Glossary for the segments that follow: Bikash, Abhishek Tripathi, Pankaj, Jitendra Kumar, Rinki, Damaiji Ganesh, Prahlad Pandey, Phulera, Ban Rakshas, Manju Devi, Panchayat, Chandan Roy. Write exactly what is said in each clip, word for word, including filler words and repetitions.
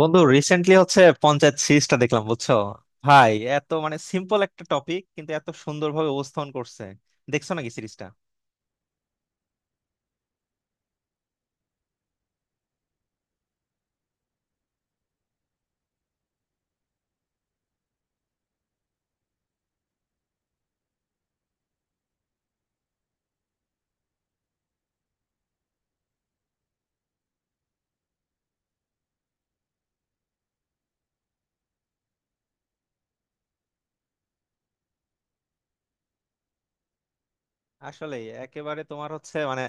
বন্ধু, রিসেন্টলি হচ্ছে পঞ্চায়েত সিরিজটা দেখলাম, বুঝছো ভাই? এত মানে সিম্পল একটা টপিক, কিন্তু এত সুন্দরভাবে উপস্থাপন করছে। দেখছো নাকি সিরিজটা? আসলে একেবারে তোমার হচ্ছে মানে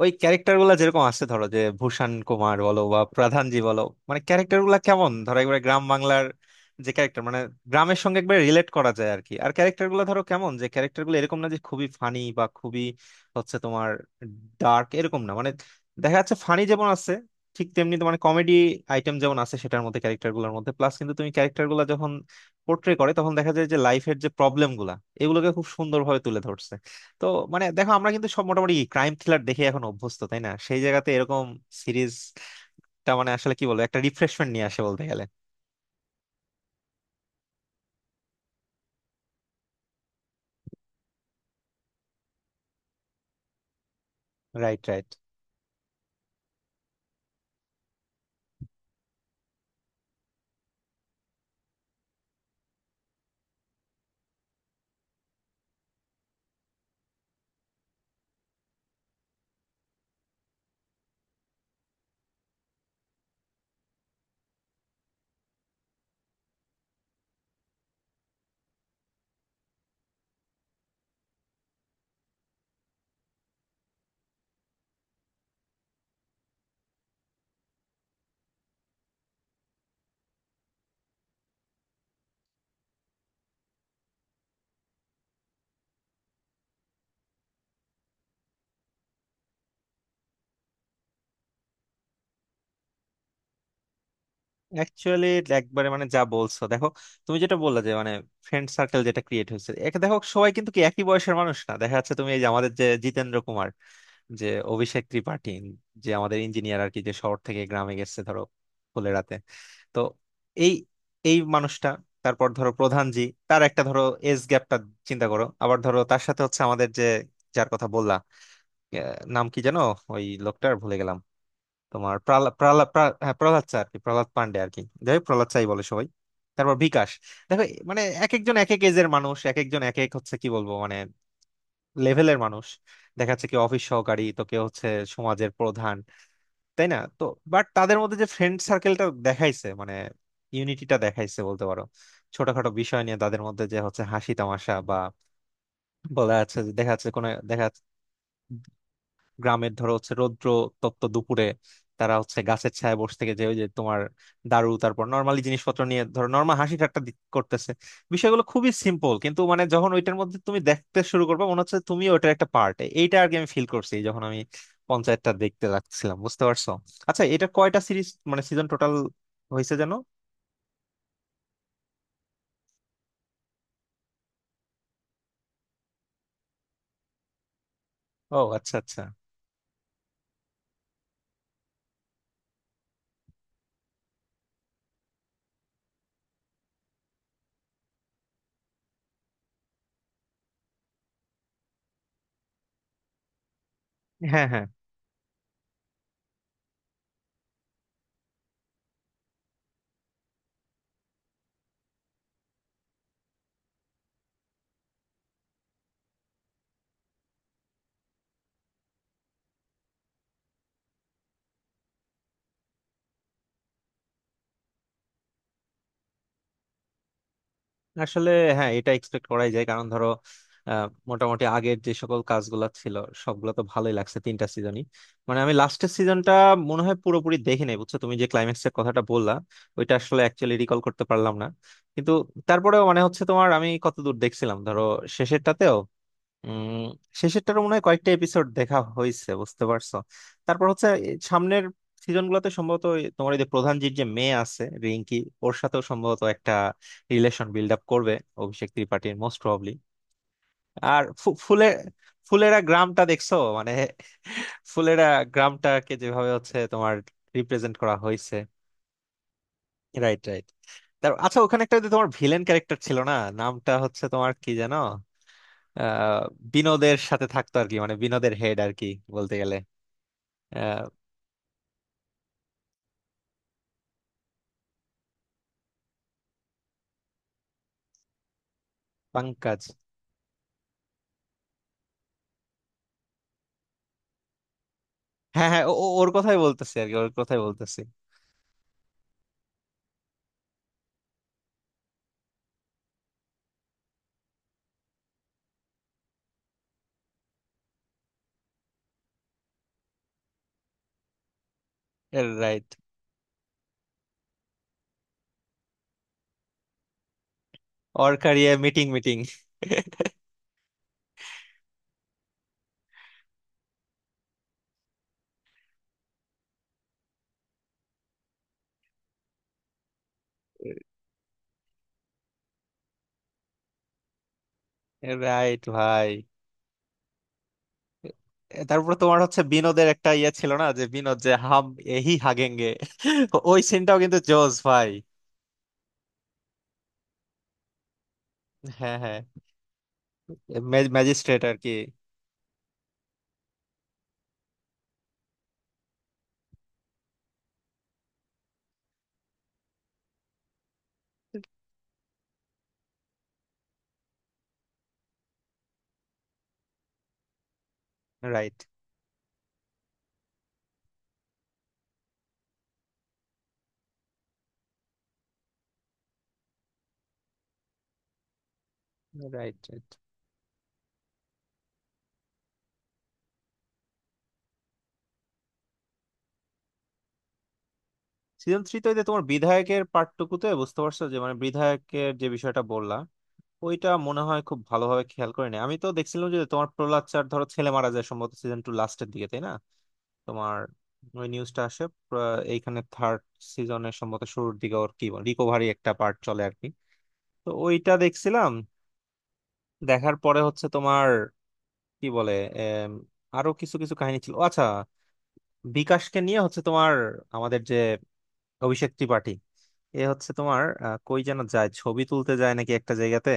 ওই ক্যারেক্টার গুলা যেরকম আছে, ধরো যে ভূষণ কুমার বলো বা প্রধানজি বলো। মানে ক্যারেক্টার গুলা কেমন, ধরো একবারে গ্রাম বাংলার যে ক্যারেক্টার, মানে গ্রামের সঙ্গে একবারে রিলেট করা যায় আর কি। আর ক্যারেক্টার গুলো ধরো কেমন, যে ক্যারেক্টার গুলো এরকম না যে খুবই ফানি বা খুবই হচ্ছে তোমার ডার্ক, এরকম না। মানে দেখা যাচ্ছে ফানি যেমন আছে, ঠিক তেমনি তোমার কমেডি আইটেম যেমন আছে সেটার মধ্যে, ক্যারেক্টার গুলোর মধ্যে প্লাস, কিন্তু তুমি ক্যারেক্টার গুলা যখন পোর্ট্রে করে তখন দেখা যায় যে লাইফের যে প্রবলেম গুলা, এগুলোকে খুব সুন্দরভাবে তুলে ধরছে। তো মানে দেখো, আমরা কিন্তু সব মোটামুটি ক্রাইম থ্রিলার দেখে এখন অভ্যস্ত, তাই না? সেই জায়গাতে এরকম সিরিজটা, মানে আসলে কি বলবো, একটা রিফ্রেশমেন্ট নিয়ে আসে বলতে গেলে। Right, right. অ্যাকচুয়ালি একবারে মানে যা বলছো, দেখো তুমি যেটা বললা যে মানে ফ্রেন্ড সার্কেল যেটা ক্রিয়েট হয়েছে, একে দেখো সবাই কিন্তু কি একই বয়সের মানুষ না, দেখা যাচ্ছে তুমি এই যে আমাদের যে জিতেন্দ্র কুমার, যে অভিষেক ত্রিপাঠী, যে আমাদের ইঞ্জিনিয়ার আর কি, যে শহর থেকে গ্রামে গেছে ধরো ফুলেরাতে। তো এই এই মানুষটা, তারপর ধরো প্রধান জি, তার একটা ধরো এজ গ্যাপটা চিন্তা করো। আবার ধরো তার সাথে হচ্ছে আমাদের যে, যার কথা বললা, আহ, নাম কি জানো ওই লোকটার, ভুলে গেলাম। তোমার প্রহ্লাদ প্রহ্লাদ প্রা- হ্যাঁ, প্রহ্লাদ চা আর কি, প্রহ্লাদ পান্ডে আর কি, যাই হোক, প্রহ্লাদ চাই বলে সবাই। তারপর বিকাশ। দেখো, এ- মানে এক একজন এক এক এজের মানুষ, এক একজন এক এক হচ্ছে কি বলবো মানে লেভেলের মানুষ। দেখা যাচ্ছে কি অফিস সহকারী, তো কেউ হচ্ছে সমাজের প্রধান, তাই না তো? বাট তাদের মধ্যে যে ফ্রেন্ড সার্কেলটা দেখাইছে মানে, ইউনিটিটা দেখাইছে বলতে পারো। ছোটখাটো বিষয় নিয়ে তাদের মধ্যে যে হচ্ছে হাসি তামাশা বা বলা যাচ্ছে, যে দেখা যাচ্ছে কোনো দেখা যাচ্ছে গ্রামের ধরো হচ্ছে রৌদ্র তপ্ত দুপুরে তারা হচ্ছে গাছের ছায়ায় বসে থেকে যে ওই যে তোমার দারু, তারপর নর্মালি জিনিসপত্র নিয়ে ধরো নর্মাল হাসি ঠাট্টা দি- করতেছে। বিষয়গুলো খুবই সিম্পল, কিন্তু মানে যখন ওইটার মধ্যে তুমি দেখতে শুরু করবে, মনে হচ্ছে তুমি ওটার একটা পার্ট, এইটা আর কি। আমি ফিল করছি, যখন আমি পঞ্চায়েতটা দেখতে লাগছিলাম, বুঝতে পারছো? আচ্ছা, এটা কয়টা সিরিজ মানে সিজন টোটাল হয়েছে যেন? ও, আচ্ছা আচ্ছা। হ্যাঁ, হ্যাঁ। আসলে, হ্যাঁ, এটা এক্সপেক্ট করাই যায়, কারণ ধরো আহ, মোটামুটি আগের যে সকল কাজগুলো ছিল, সবগুলো তো ভালোই লাগছে তিনটা সিজনই। মানে আমি লাস্টের সিজনটা মনে হয় পুরোপুরি দেখি নাই, বুঝছো? তুমি যে ক্লাইম্যাক্সের কথাটা বললা, ওইটা আসলে অ্যাকচুয়ালি রিকল করতে পারলাম না। কিন্তু তারপরেও মানে হচ্ছে তোমার, আমি কত দূর দেখছিলাম ধরো শেষেরটাতেও, উম শেষেরটার মনে হয় কয়েকটা এপিসোড দেখা হয়েছে, বুঝতে পারছো? তারপর হচ্ছে এই সামনের সিজন গুলোতে সম্ভবত ওই তোমার এই যে প্রধান যে, যে মেয়ে আছে রিঙ্কি, ওর সাথেও সম্ভবত একটা রিলেশন বিল্ড আপ করবে অভিষেক ত্রিপাঠীর, মোস্ট প্রবাবলি। আর ফু- ফুলে ফুলেরা গ্রামটা দেখছো মানে, ফুলেরা গ্রামটাকে যেভাবে হচ্ছে তোমার রিপ্রেজেন্ট করা হয়েছে। Right, right. তারপর আচ্ছা, ওখানে একটা যে তোমার ভিলেন ক্যারেক্টার ছিল না, নামটা হচ্ছে তোমার কি জানো, আহ বিনোদের সাথে থাকতো আর কি, মানে বিনোদের হেড আর কি বলতে গেলে, আহ পাঙ্কাজ। হ্যাঁ, হ্যাঁ, ও- ও- ওর কথাই বলতেছি আর কি, ওর কথাই বলতেছি। রাইট। ওর ক্যারিয়ার মিটিং মিটিং। রাইট। ভাই। তারপর তোমার হচ্ছে বিনোদের একটা ইয়ে ছিল না যে, বিনোদ যে হাম এহি হাগেঙ্গে, ওই সিনটাও কিন্তু জোস ভাই। হ্যাঁ, হ্যাঁ। ম্যাজিস্ট্রেট আর কি। Right, right, right. সিজন থ্রিতে তোমার বিধায়কের পার্টটুকুতে, বুঝতে পারছো, যে মানে বিধায়কের যে বিষয়টা বললা, ওইটা মনে হয় খুব ভালোভাবে খেয়াল করিনি। আমি তো দেখছিলাম যে তোমার প্রহ্লাদ চার ধরো ছেলে মারা যায় সম্ভবত সিজন টু লাস্টের দিকে, তাই না তোমার? ওই নিউজটা আসে প্রা- এইখানে থার্ড সিজনের সম্ভবত শুরুর দিকে, ওর কি রিকভারি একটা পার্ট চলে আর কি, তো ওইটা দেখছিলাম। দেখার পরে হচ্ছে তোমার কি বলে, এম, আরো কিছু কিছু কাহিনী ছিল। ও, আচ্ছা, বিকাশকে নিয়ে হচ্ছে তোমার আমাদের যে অভিষেক ত্রিপাঠী, এ হচ্ছে তোমার, আহ, কই যেন যায়, ছবি তুলতে যায় নাকি একটা জায়গাতে।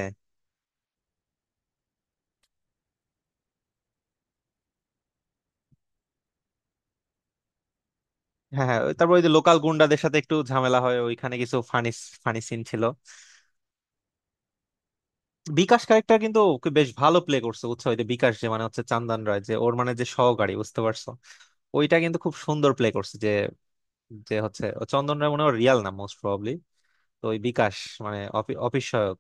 হ্যাঁ, হ্যাঁ, ওই তারপর ওই যে লোকাল গুন্ডাদের সাথে একটু ঝামেলা হয় ওইখানে, কিছু ফানি ফানি সিন ছিল। বিকাশ ক্যারেক্টার কিন্তু ওকে বেশ ভালো প্লে করছে, বুঝছো? ওই যে বিকাশ, যে মানে হচ্ছে চান্দন রায়, যে ওর মানে যে সহকারী, বুঝতে পারছো? ওইটা কিন্তু খুব সুন্দর প্লে করছে, যে যে হচ্ছে ও চন্দন রায় মনে হয় রিয়াল নাম, মোস্ট প্রবাবলি। তো ওই বিকাশ মানে অপি- অফিস সহায়ক।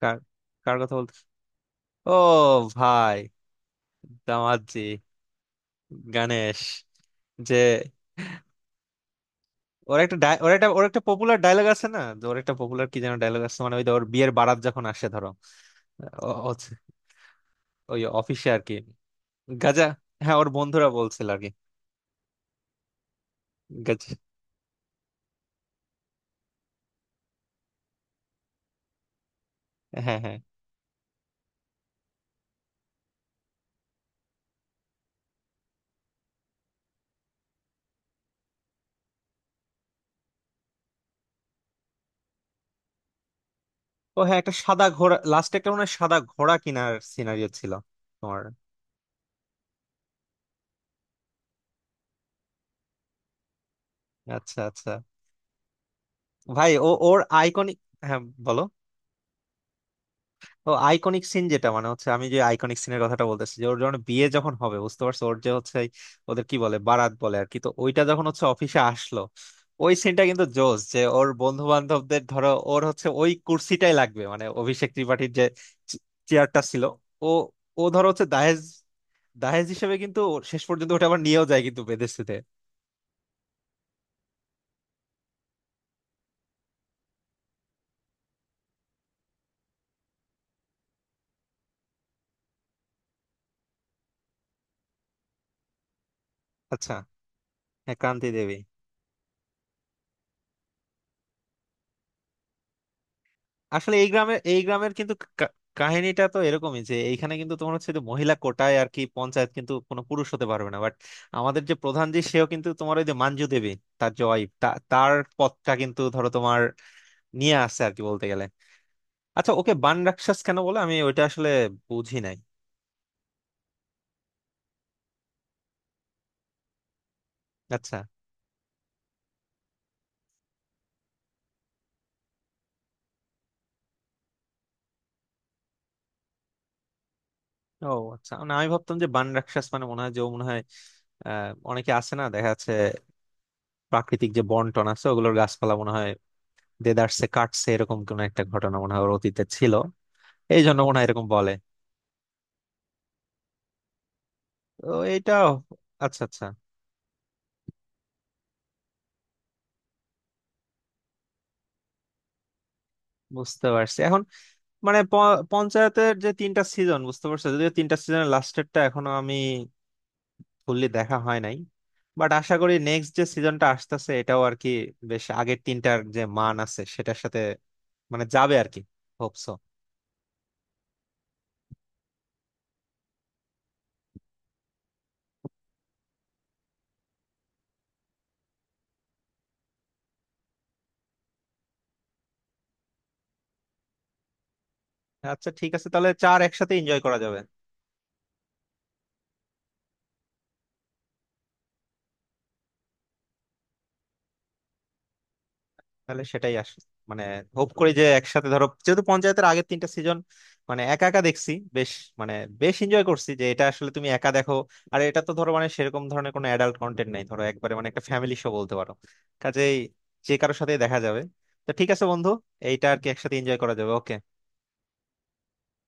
কার? কার কথা বলতে? ও। ভাই। দামাজি। গণেশ। যে ওর একটা ডায়- ওর একটা ওর একটা পপুলার ডায়লগ আছে না, যে ওর একটা পপুলার কি যেন ডায়লগ আছে মানে, ওই যে ওর বিয়ের বারাত যখন আসে ধরো, ও- হচ্ছে ওই অফিসে আর কি। গাজা। হ্যাঁ, ওর বন্ধুরা বলছিল আর কি। গাজা। হ্যাঁ, হ্যাঁ। ও হ্যাঁ, একটা সাদা ঘোড়া লাস্টে, একটা মনে হয় সাদা ঘোড়া কেনার সিনারিও ছিল তোমার। আচ্ছা, আচ্ছা। ভাই ও, ওর আইকনিক। হ্যাঁ, বলো। ও আইকনিক সিন যেটা মানে হচ্ছে, আমি যে আইকনিক সিনের কথাটা বলতেছি, যে ওর যখন বিয়ে যখন হবে বুঝতে পারছো, ওর যে হচ্ছে ওদের কি বলে, বারাত বলে আর কি, তো ওইটা যখন হচ্ছে অফিসে আসলো, ওই সিনটা কিন্তু জোস যে ওর বন্ধু বান্ধবদের ধরো ওর হচ্ছে ওই কুর্সিটাই লাগবে, মানে অভিষেক ত্রিপাঠীর যে চেয়ারটা ছিল। ও ও ধরো হচ্ছে দাহেজ, দাহেজ হিসেবে কিন্তু শেষ পর্যন্ত ওটা আবার নিয়েও যায় কিন্তু বেদেশিতে। আচ্ছা। হ্যাঁ, ক্রান্তি দেবী। আসলে এই গ্রামের, এই গ্রামের কিন্তু কা- কাহিনীটা তো এরকমই, যে এইখানে কিন্তু তোমার হচ্ছে যে মহিলা কোটায় আর কি পঞ্চায়েত, কিন্তু কোনো পুরুষ হতে পারবে না, বাট আমাদের যে প্রধান যে, সেও কিন্তু তোমার ওই যে মাঞ্জু দেবী তার যে wife, তা- তার পথটা কিন্তু ধরো তোমার নিয়ে আসছে আর কি বলতে গেলে। আচ্ছা, ওকে বান রাক্ষস কেন বলে, আমি ওইটা আসলে বুঝি নাই। আচ্ছা। ও আচ্ছা, না, আমি ভাবতাম যে বান রাক্ষস মানে মনে হয় যে ও মনে হয়, আহ অনেকে আছে না, দেখা যাচ্ছে প্রাকৃতিক যে বন টন আছে ওগুলোর গাছপালা মনে হয় দেদারসে কাটছে, এরকম কোন একটা ঘটনা মনে হয় ওর অতীতে ছিল, এই জন্য মনে হয় এরকম বলে। তো এইটা। আচ্ছা, আচ্ছা। বুঝতে পারছি এখন। মানে প- পঞ্চায়েতের যে তিনটা সিজন বুঝতে পারছো, যদিও তিনটা সিজনের লাস্টেরটা এখনো আমি ফুললি দেখা হয় নাই, বাট আশা করি নেক্সট যে সিজনটা আসতেছে, এটাও আর কি বেশ আগের তিনটার যে মান আছে সেটার সাথে মানে যাবে আর কি। হোপসো। আচ্ছা, ঠিক আছে, তাহলে চার একসাথে এনজয় করা যাবে। তাহলে সেটাই আস, মানে হোপ করি যে একসাথে, ধরো যেহেতু পঞ্চায়েতের আগের তিনটা সিজন মানে একা একা দেখছি, বেশ মানে বেশ এনজয় করছি, যে এটা আসলে তুমি একা দেখো। আর এটা তো ধরো মানে সেরকম ধরনের কোনো অ্যাডাল্ট কন্টেন্ট নাই ধরো, একবারে মানে একটা ফ্যামিলি শো বলতে পারো, কাজেই যে কারোর সাথে দেখা যাবে। তো ঠিক আছে বন্ধু, এইটা আর কি একসাথে এনজয় করা যাবে, ওকে।